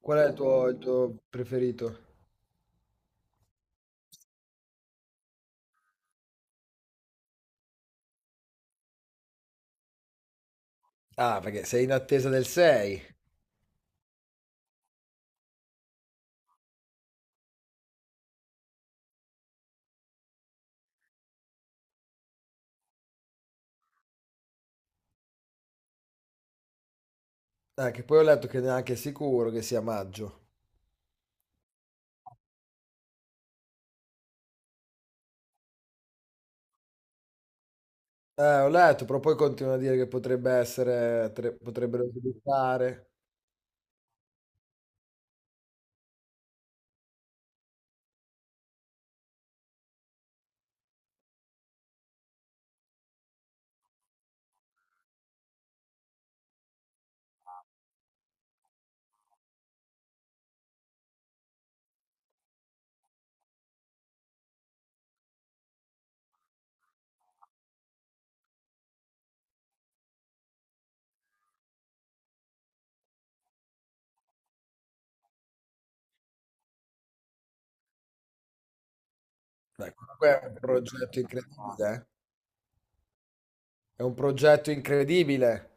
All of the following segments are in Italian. Qual è il tuo preferito? Ah, perché sei in attesa del 6. Ah, che poi ho letto che neanche è sicuro che sia maggio. Ho letto, però poi continua a dire che potrebbe essere, potrebbero sviluppare. Beh, comunque è un progetto incredibile, eh. È un progetto incredibile.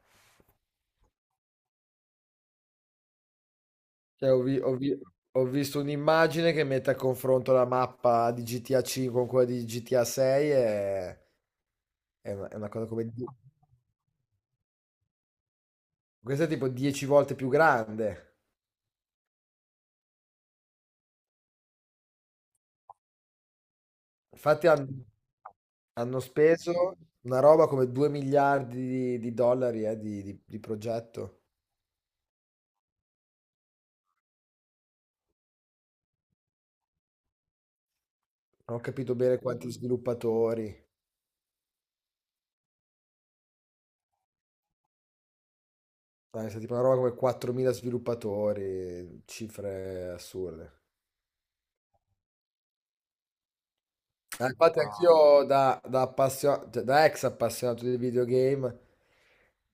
Cioè, ho visto un'immagine che mette a confronto la mappa di GTA 5 con quella di GTA 6, e è una cosa come... Questa è tipo 10 volte più grande. Infatti hanno speso una roba come 2 miliardi di dollari di progetto. Non ho capito bene quanti sviluppatori. Dai, è stata tipo una roba come 4.000 sviluppatori, cifre assurde. Ah, infatti anch'io cioè, da ex appassionato di videogame,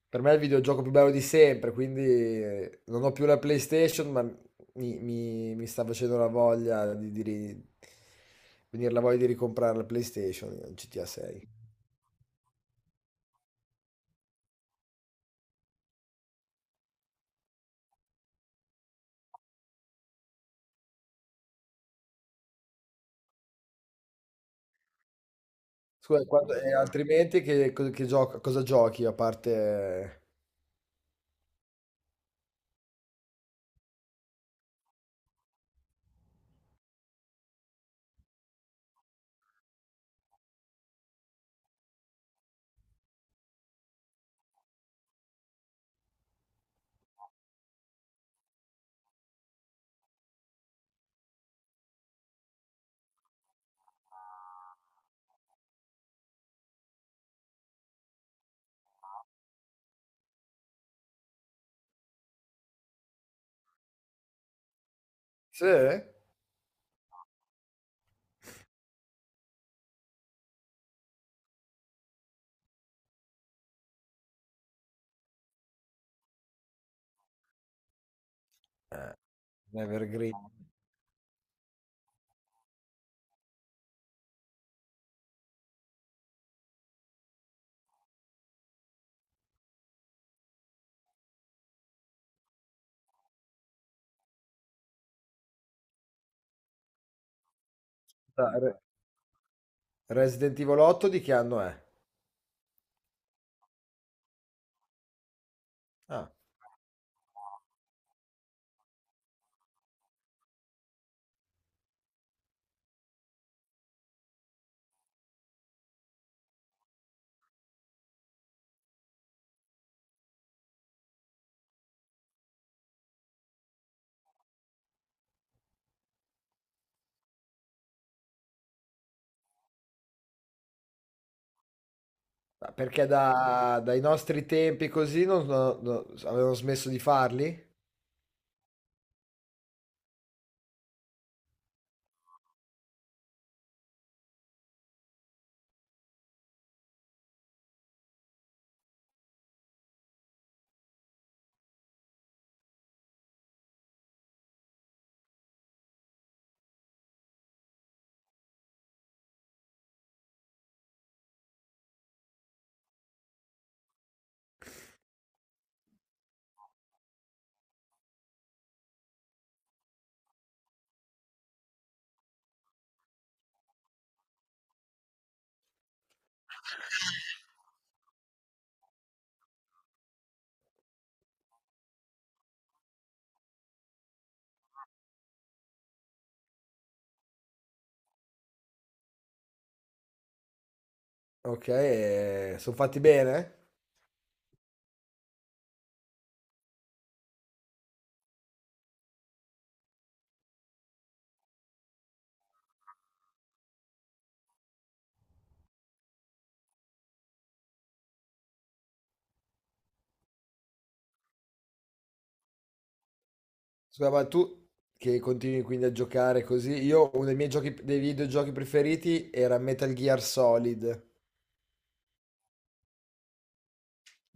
per me è il videogioco più bello di sempre, quindi non ho più la PlayStation, ma mi sta facendo la voglia di venire la voglia di ricomprare la PlayStation, il GTA 6. Scusa, e altrimenti che, co- che gioco- cosa giochi a parte... Sì? Evergreen. Re- Resident Evil 8 di che anno è? Ah. Ma perché dai nostri tempi così non avevano smesso di farli? Ok, e sono fatti bene? Scusa, ma tu che continui quindi a giocare così, io uno dei miei giochi, dei videogiochi preferiti era Metal Gear Solid.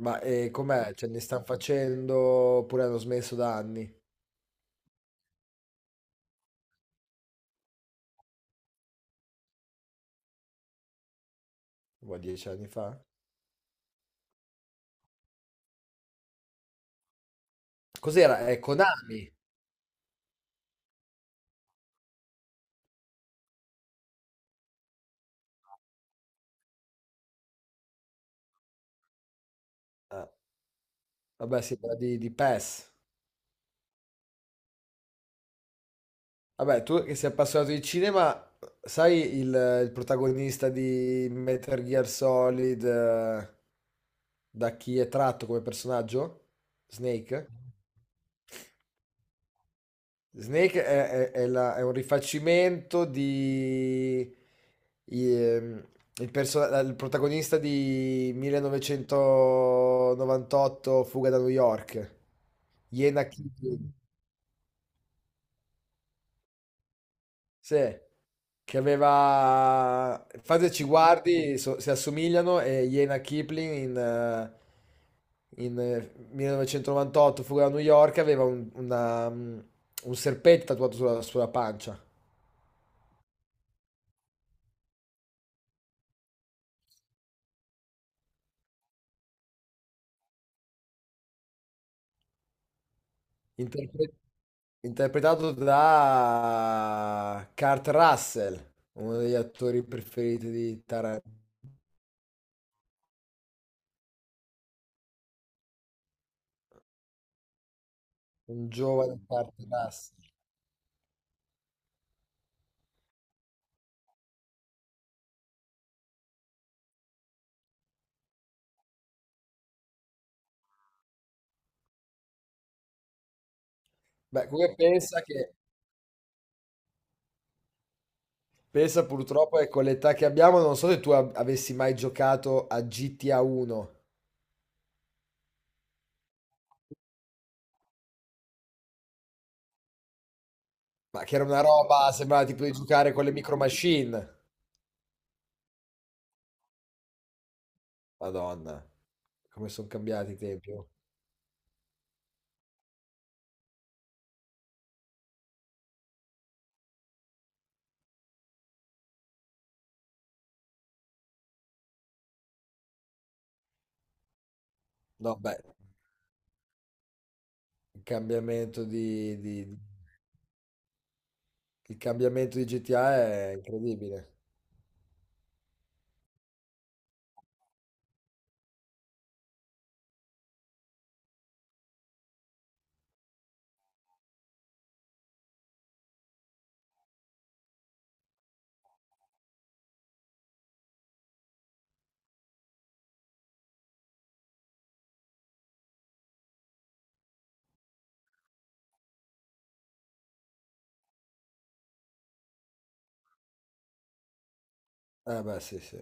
Ma com'è? Cioè, ne stanno facendo oppure hanno smesso da anni? Boh, 10 anni fa? Cos'era? È Konami. Ah, vabbè, sì, era di PES. Vabbè, tu che sei appassionato di cinema, sai il protagonista di Metal Gear Solid, da chi è tratto come personaggio? Snake? Snake è un rifacimento di... ehm, il protagonista di 1998 Fuga da New York, Iena Kid. Sì, che aveva... Infatti se ci guardi, si assomigliano, e Jena Kipling in 1998, Fuga da New York, aveva un serpente tatuato sulla pancia. Interpre- Interpretato da Kurt Russell, uno degli attori preferiti di Tarantino, un giovane Kurt Russell. Beh, come pensa che... Pensa purtroppo che con l'età che abbiamo, non so se tu avessi mai giocato a GTA 1, ma che era una roba, sembrava tipo di giocare con le micro machine. Madonna, come sono cambiati i tempi. Oh. No, beh, il cambiamento di, di- di- il cambiamento di GTA è incredibile. Eh beh, sì, sì.